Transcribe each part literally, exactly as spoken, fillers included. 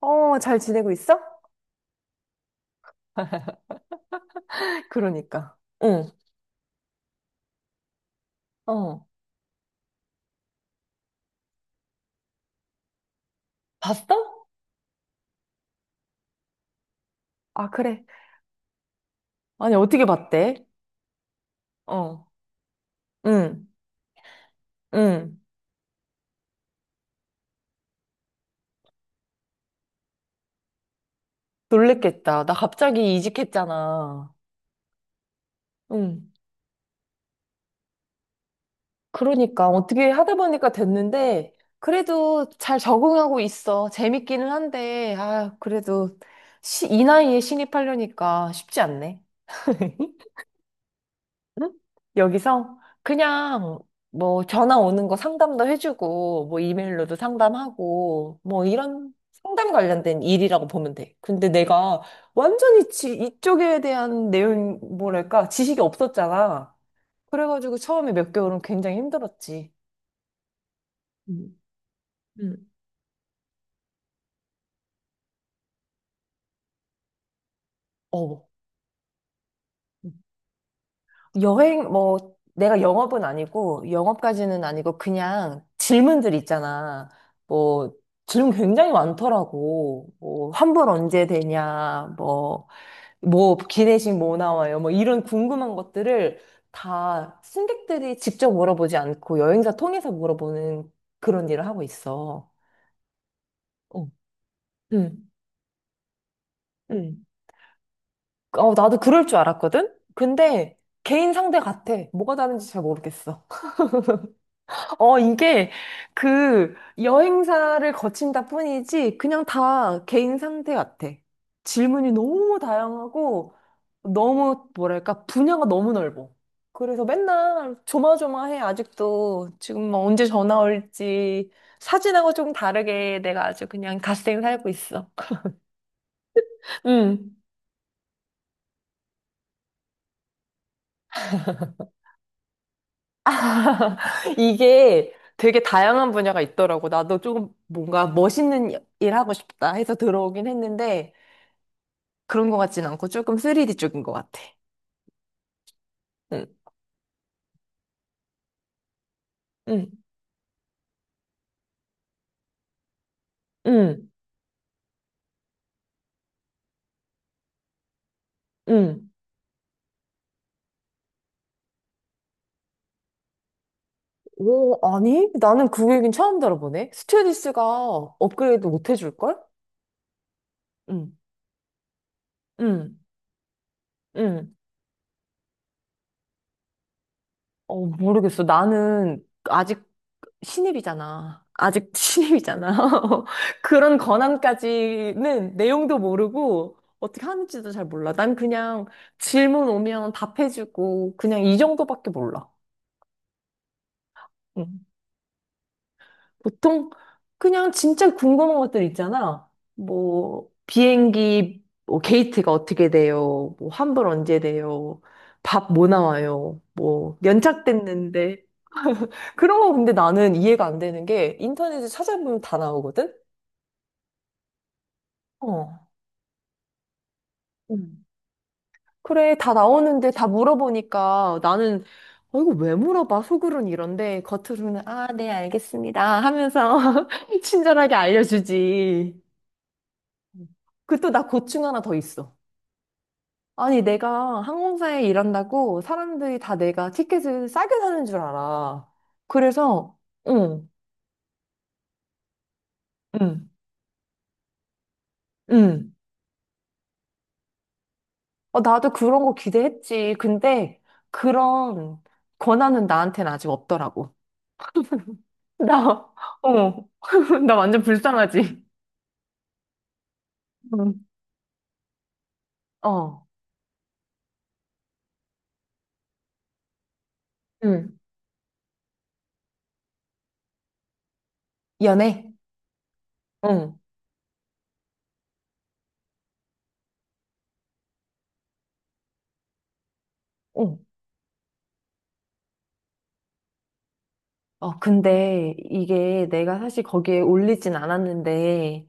어, 잘 지내고 있어? 그러니까. 응. 어. 봤어? 아, 그래. 아니, 어떻게 봤대? 어, 응, 응. 놀랬겠다. 나 갑자기 이직했잖아. 응. 그러니까 어떻게 하다 보니까 됐는데, 그래도 잘 적응하고 있어. 재밌기는 한데, 아, 그래도 시, 이 나이에 신입하려니까 쉽지 않네. 응? 여기서 그냥 뭐 전화 오는 거 상담도 해주고 뭐 이메일로도 상담하고 뭐 이런 상담 관련된 일이라고 보면 돼. 근데 내가 완전히 지, 이쪽에 대한 내용 뭐랄까 지식이 없었잖아. 그래가지고 처음에 몇 개월은 굉장히 힘들었지. 음. 음. 어. 여행, 뭐, 내가 영업은 아니고, 영업까지는 아니고, 그냥 질문들 있잖아. 뭐, 질문 굉장히 많더라고. 뭐, 환불 언제 되냐, 뭐, 뭐, 기내식 뭐 나와요, 뭐, 이런 궁금한 것들을 다 승객들이 직접 물어보지 않고 여행사 통해서 물어보는 그런 일을 하고 있어. 어, 응, 응. 어, 나도 그럴 줄 알았거든? 근데 개인 상대 같아. 뭐가 다른지 잘 모르겠어. 어, 이게 그 여행사를 거친다 뿐이지 그냥 다 개인 상태 같아. 질문이 너무 다양하고 너무 뭐랄까 분야가 너무 넓어. 그래서 맨날 조마조마해 아직도 지금 뭐 언제 전화 올지 사진하고 좀 다르게 내가 아주 그냥 갓생 살고 있어. 음. 이게 되게 다양한 분야가 있더라고. 나도 조금 뭔가 멋있는 일 하고 싶다 해서 들어오긴 했는데 그런 것 같진 않고 조금 쓰리디 쪽인 것 같아. 응. 응, 응, 응. 오, 아니? 나는 그 얘기는 처음 들어보네. 스튜어디스가 업그레이드 못 해줄걸? 응. 응, 응. 어, 모르겠어. 나는 아직 신입이잖아. 아직 신입이잖아. 그런 권한까지는 내용도 모르고 어떻게 하는지도 잘 몰라. 난 그냥 질문 오면 답해주고 그냥 이 정도밖에 몰라. 응. 보통 그냥 진짜 궁금한 것들 있잖아. 뭐 비행기 뭐 게이트가 어떻게 돼요? 뭐 환불 언제 돼요? 밥 뭐 나와요? 뭐 연착됐는데 그런 거 근데 나는 이해가 안 되는 게 인터넷에 찾아보면 다 나오거든? 어. 음. 그래, 다 나오는데 다 물어보니까 나는 어, 이거 왜 물어봐? 속으로는 이런데 겉으로는 아, 네, 알겠습니다 하면서 친절하게 알려주지. 그 또 나 고충 하나 더 있어. 아니, 내가 항공사에 일한다고 사람들이 다 내가 티켓을 싸게 사는 줄 알아. 그래서, 응, 응, 응. 어, 나도 그런 거 기대했지. 근데 그런 권한은 나한테는 아직 없더라고. 나, 어, 나 완전 불쌍하지. 응. 어, 응. 연애? 응, 응. 어, 근데 이게 내가 사실 거기에 올리진 않았는데,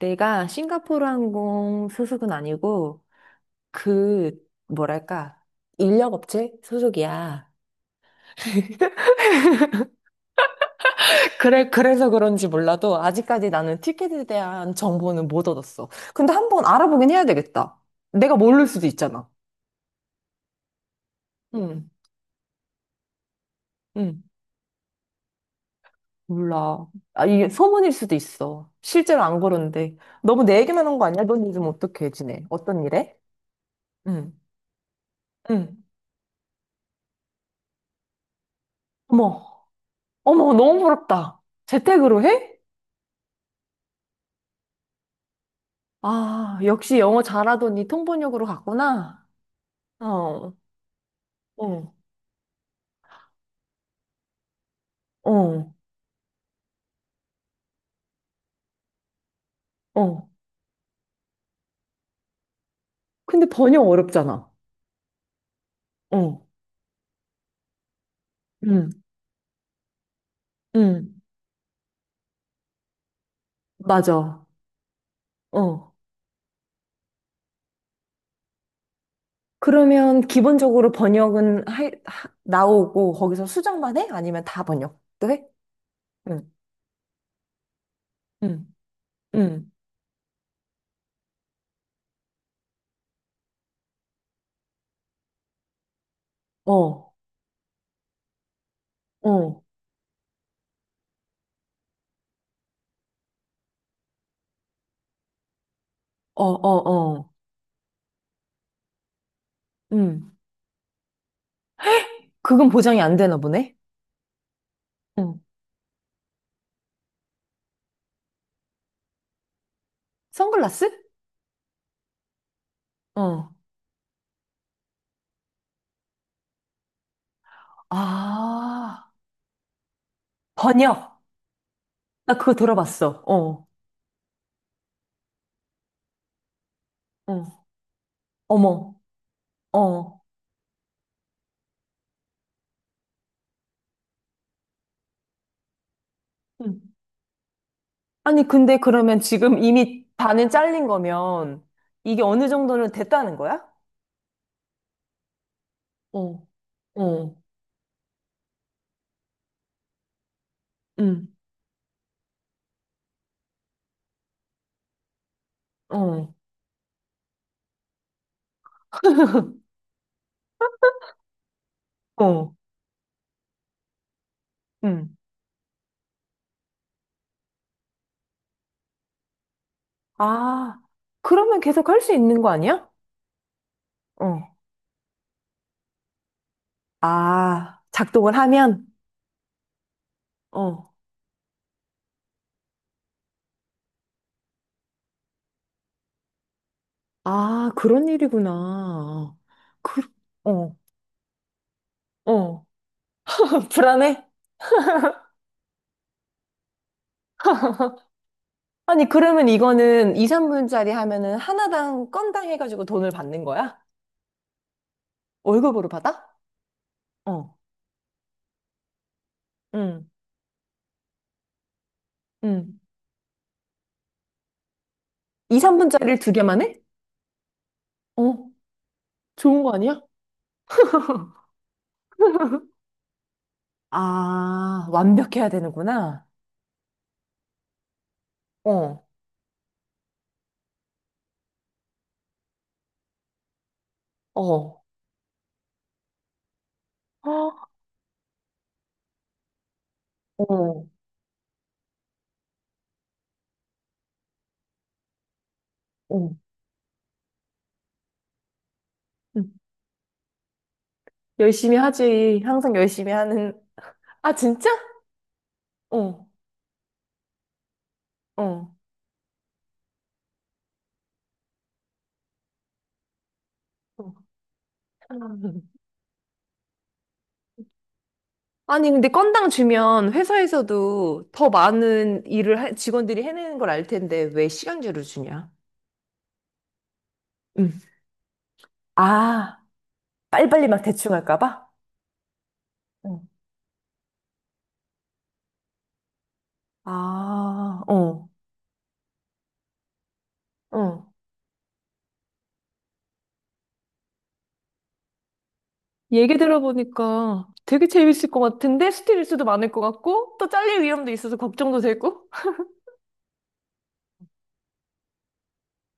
내가 싱가포르 항공 소속은 아니고 그 뭐랄까 인력 업체 소속이야. 그래 그래서 그런지 몰라도 아직까지 나는 티켓에 대한 정보는 못 얻었어. 근데 한번 알아보긴 해야 되겠다. 내가 모를 수도 있잖아. 응, 응, 몰라. 아, 이게 소문일 수도 있어. 실제로 안 그런데 너무 내 얘기만 한 거 아니야? 넌 요즘 어떻게 지내? 어떤 일해? 응, 응. 어머, 어머, 너무 부럽다. 재택으로 해? 아, 역시 영어 잘하더니 통번역으로 갔구나. 어, 어, 어, 어. 근데 번역 어렵잖아. 어, 응, 응, 맞아. 어. 그러면 기본적으로 번역은 하, 하- 나오고 거기서 수정만 해? 아니면 다 번역도 해? 응, 응, 응. 어, 어, 어, 어, 어. 응. 그건 보장이 안 되나 보네. 응. 선글라스? 어, 아, 번역. 나 그거 들어봤어. 어, 어. 어머, 어. 음. 아니, 근데 그러면 지금 이미 반은 잘린 거면 이게 어느 정도는 됐다는 거야? 어, 어, 음, 어, 어, 음. 아, 그러면 계속 할 수 있는 거 아니야? 어. 아, 작동을 하면? 어, 아, 그런 일이구나. 그, 어, 어. 불안해? 아니, 그러면 이거는 이, 삼 분짜리 하면은 하나당 건당 해가지고 돈을 받는 거야? 월급으로 받아? 어 응, 응. 이, 삼 분짜리를 두 개만 해? 어, 좋은 거 아니야? 아, 완벽해야 되는구나. 어, 어, 어, 어, 어. 응. 열심히 하지. 항상 열심히 하는. 아, 진짜? 어, 어. 어. 아니, 근데 건당 주면 회사에서도 더 많은 일을 할- 직원들이 해내는 걸 알 텐데 왜 시간제로 주냐? 응, 아, 빨리빨리 막 대충 할까 봐? 어, 아, 어. 어. 얘기 들어보니까 되게 재밌을 것 같은데 스트레스도 많을 것 같고 또 잘릴 위험도 있어서 걱정도 되고.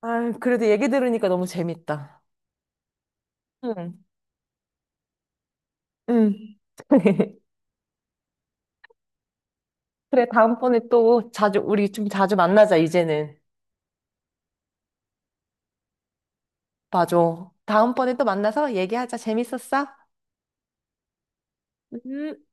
아, 그래도 얘기 들으니까 너무 재밌다. 응, 응. 그래, 다음번에 또 자주, 우리 좀 자주 만나자, 이제는. 맞아. 다음번에 또 만나서 얘기하자. 재밌었어? 음.